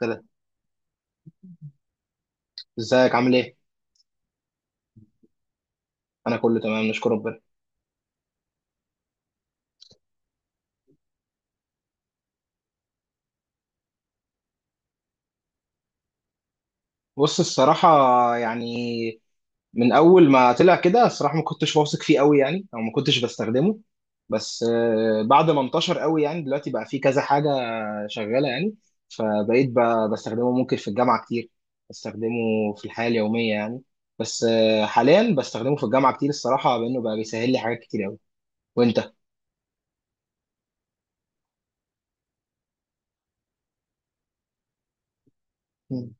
كده، ازيك؟ عامل ايه؟ انا كله تمام، نشكر ربنا. بص الصراحه، يعني من اول ما طلع كده الصراحه ما كنتش واثق فيه قوي يعني، او ما كنتش بستخدمه. بس آه، بعد ما انتشر قوي يعني دلوقتي بقى فيه كذا حاجه شغاله يعني. فبقيت بستخدمه ممكن في الجامعه كتير، بستخدمه في الحياه اليوميه يعني. بس آه، حاليا بستخدمه في الجامعه كتير الصراحه، بانه بقى بيسهل لي حاجات كتير قوي. وانت؟ مم.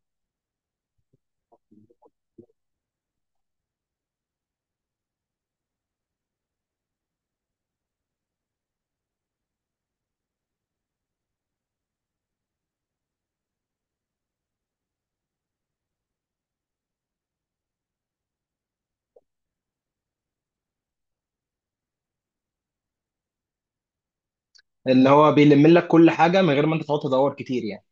اللي هو بيلم لك كل حاجه من غير ما انت تقعد تدور كتير يعني.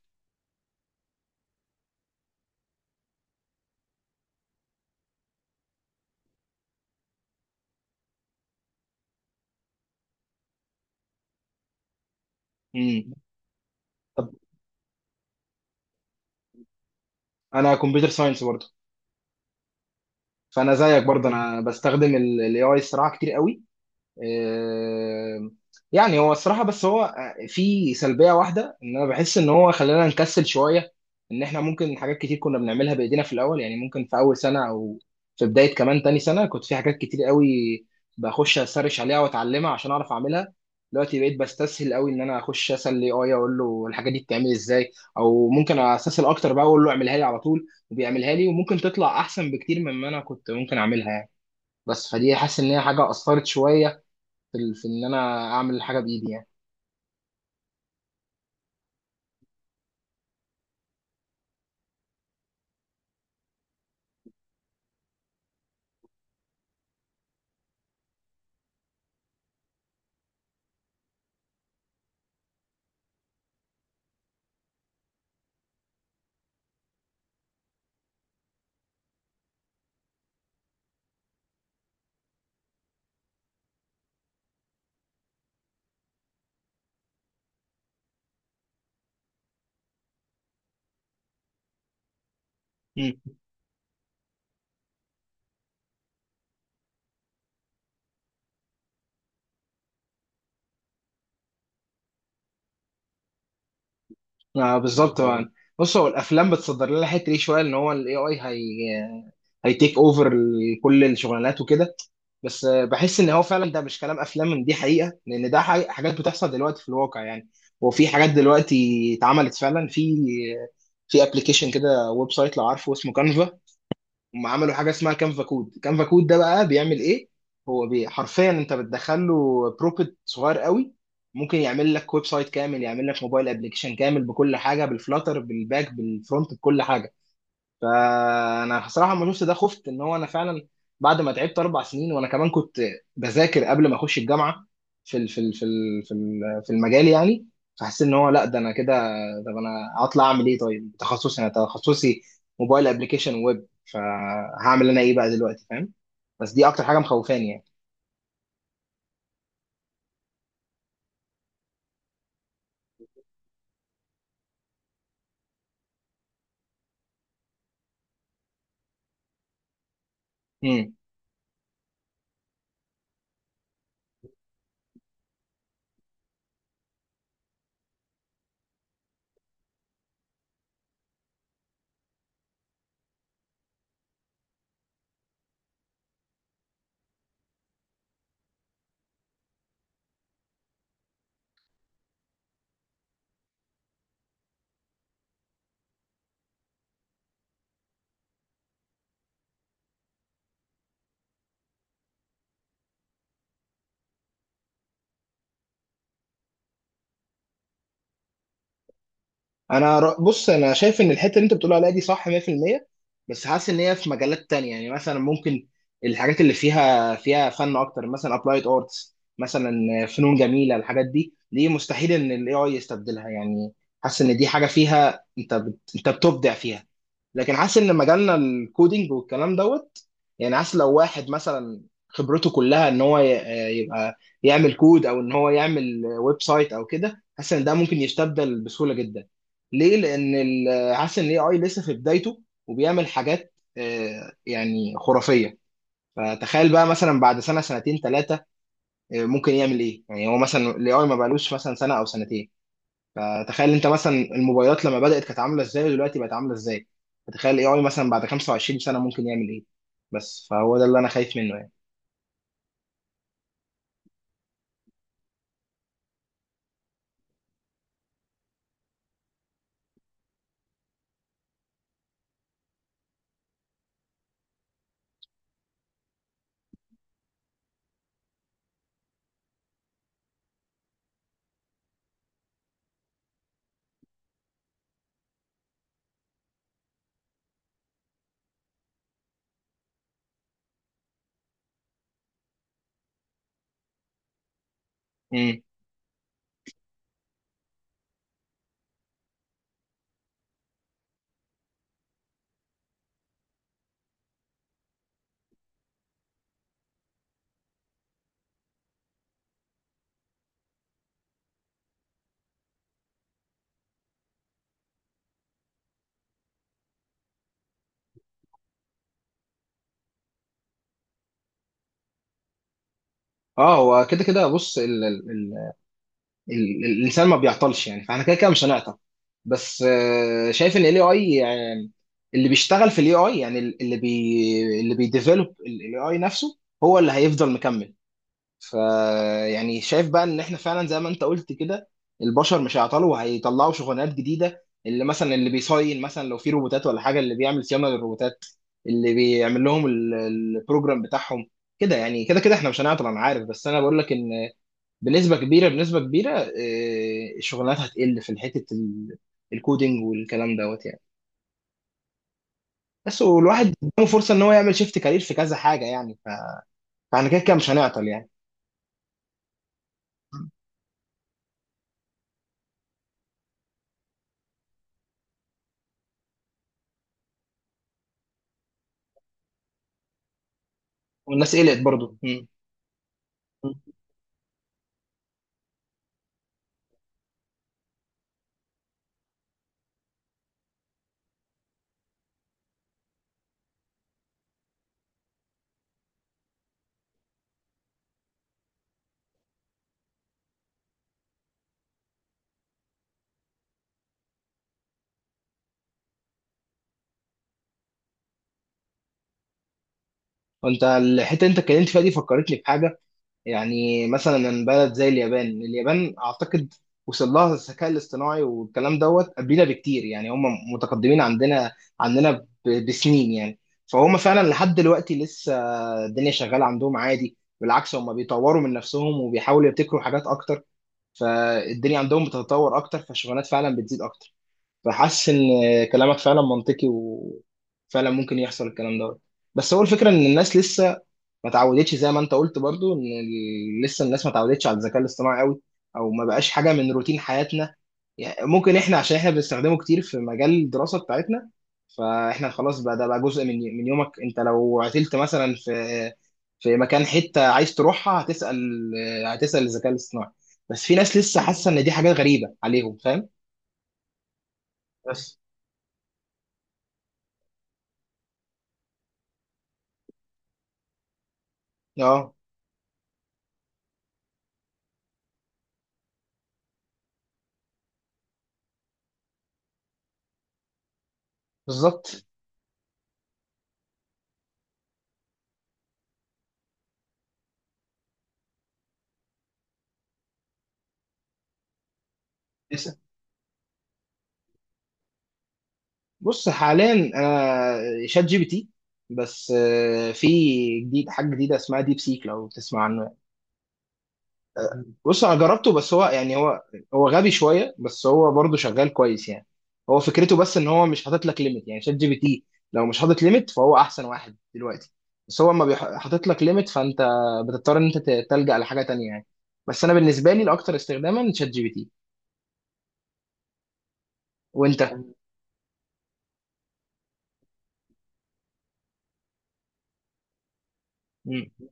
مم. طب انا كمبيوتر ساينس، فانا زيك برضه انا بستخدم الاي اي الصراحه كتير قوي. آه، يعني هو الصراحة بس هو آه، في سلبية واحدة ان انا بحس ان هو خلانا نكسل شوية. ان احنا ممكن حاجات كتير كنا بنعملها بايدينا في الاول، يعني ممكن في اول سنة او في بداية كمان تاني سنة كنت في حاجات كتير قوي بخش اسرش عليها واتعلمها عشان اعرف اعملها. دلوقتي بقيت بستسهل قوي ان انا اخش اسال اي اي اقول له الحاجه دي بتتعمل ازاي، او ممكن استسهل اكتر بقى اقول له اعملها لي على طول وبيعملها لي، وممكن تطلع احسن بكتير مما انا كنت ممكن اعملها يعني. بس فدي حاسس ان هي حاجه اثرت شويه في، في ان انا اعمل حاجه بايدي يعني. مم. آه بالظبط آه. يعني بص، هو الافلام بتصدر لنا الحته دي شويه، ان هو الاي اي هي هيتيك اوفر كل الشغلانات وكده. بس آه، بحس ان هو فعلا ده مش كلام افلام، ان دي حقيقه، لان ده حقيقة حاجات بتحصل دلوقتي في الواقع يعني. وفي حاجات دلوقتي اتعملت فعلا في في ابلكيشن كده، ويب سايت، لو عارفه اسمه كانفا. هم عملوا حاجه اسمها كانفا كود. كانفا كود ده بقى بيعمل ايه؟ هو بي حرفيا انت بتدخل له بروبت صغير قوي، ممكن يعمل لك ويب سايت كامل، يعمل لك موبايل ابلكيشن كامل بكل حاجه، بالفلاتر بالباك بالفرونت بكل حاجه. فانا بصراحه لما شفت ده خفت، ان هو انا فعلا بعد ما تعبت اربع سنين، وانا كمان كنت بذاكر قبل ما اخش الجامعه في في المجال يعني. فحسيت ان هو لا، ده انا كده طب انا هطلع اعمل ايه؟ طيب تخصصي، انا تخصصي موبايل ابلكيشن ويب، فهعمل انا ايه بقى دلوقتي فاهم؟ بس دي اكتر حاجه مخوفاني. يعني انا بص انا شايف ان الحته اللي انت بتقول عليها دي صح 100%. بس حاسس ان هي في مجالات تانية، يعني مثلا ممكن الحاجات اللي فيها فن اكتر، مثلا ابلايد ارتس مثلا، فنون جميله، الحاجات دي دي مستحيل ان الاي اي يستبدلها يعني. حاسس ان دي حاجه فيها انت انت بتبدع فيها. لكن حاسس ان مجالنا الكودينج والكلام دوت يعني، حاسس لو واحد مثلا خبرته كلها ان هو يبقى يعمل كود، او ان هو يعمل ويب سايت او كده، حاسس ان ده ممكن يستبدل بسهوله جدا. ليه؟ لان حاسس ان الاي اي لسه في بدايته، وبيعمل حاجات آه، يعني خرافيه. فتخيل بقى مثلا بعد سنه سنتين ثلاثه ممكن يعمل ايه، يعني هو مثلا الاي اي ما بقالوش مثلا سنه او سنتين. فتخيل انت مثلا الموبايلات لما بدأت كانت عامله ازاي ودلوقتي بقت عامله ازاي، فتخيل الاي اي مثلا بعد 25 سنه ممكن يعمل ايه. بس فهو ده اللي انا خايف منه يعني. امم. اه، هو كده كده بص ال ال ال ال الانسان ما بيعطلش يعني، فاحنا كده كده مش هنعطل. بس آه، شايف ان الاي اي يعني اللي بيشتغل في الاي اي، يعني اللي بيديفلوب الاي اي نفسه هو اللي هيفضل مكمل. فيعني شايف بقى ان احنا فعلا زي ما انت قلت كده البشر مش هيعطلوا وهيطلعوا شغلانات جديده. اللي مثلا اللي بيصين مثلا، لو في روبوتات ولا حاجه، اللي بيعمل صيانه للروبوتات، اللي بيعمل لهم البروجرام بتاعهم. كده يعني، كده كده احنا مش هنعطل انا عارف، بس انا بقول لك ان بنسبه كبيره آه، الشغلانات هتقل في حته الكودينج والكلام دوت يعني. بس والواحد قدامه فرصه ان هو يعمل شيفت كارير في كذا حاجه يعني فاحنا كده كده مش هنعطل يعني. والناس قلقت برضه. وانت الحته اللي انت اتكلمت فيها دي فكرتني بحاجه، يعني مثلا من بلد زي اليابان. اليابان اعتقد وصل لها الذكاء الاصطناعي والكلام دوت قبلنا بكتير، يعني هم متقدمين عندنا عندنا بسنين يعني. فهم فعلا لحد دلوقتي لسه الدنيا شغاله عندهم عادي، بالعكس هم بيطوروا من نفسهم وبيحاولوا يبتكروا حاجات اكتر، فالدنيا عندهم بتتطور اكتر، فالشغلانات فعلا بتزيد اكتر. فحاسس ان كلامك فعلا منطقي، وفعلا ممكن يحصل الكلام دوت. بس هو الفكره ان الناس لسه ما تعودتش، زي ما انت قلت برضو، ان لسه الناس ما تعودتش على الذكاء الاصطناعي قوي، او ما بقاش حاجه من روتين حياتنا يعني. ممكن احنا عشان احنا بنستخدمه كتير في مجال الدراسه بتاعتنا، فاحنا خلاص بقى ده بقى جزء من يومك. انت لو عتلت مثلا في في مكان، حته عايز تروحها، هتسال، هتسال الذكاء الاصطناعي. بس في ناس لسه حاسه ان دي حاجات غريبه عليهم، فاهم؟ بس اه بالظبط. بص حاليا انا شات جي بي تي، بس آه، في جديد، حاجه جديده اسمها ديب سيك، لو تسمع عنه يعني. بص انا جربته، بس هو يعني هو غبي شويه، بس هو برضه شغال كويس يعني. هو فكرته بس ان هو مش حاطط لك ليميت. يعني شات جي بي تي لو مش حاطط ليميت فهو احسن واحد دلوقتي، بس هو ما حاطط لك ليميت، فانت بتضطر ان انت تلجأ لحاجه تانية يعني. بس انا بالنسبه لي الاكثر استخداما شات جي بي تي. وانت؟ مم.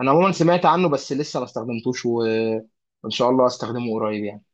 انا عموما سمعت عنه، بس لسه ما استخدمتوش و... وان شاء الله استخدمه قريب يعني.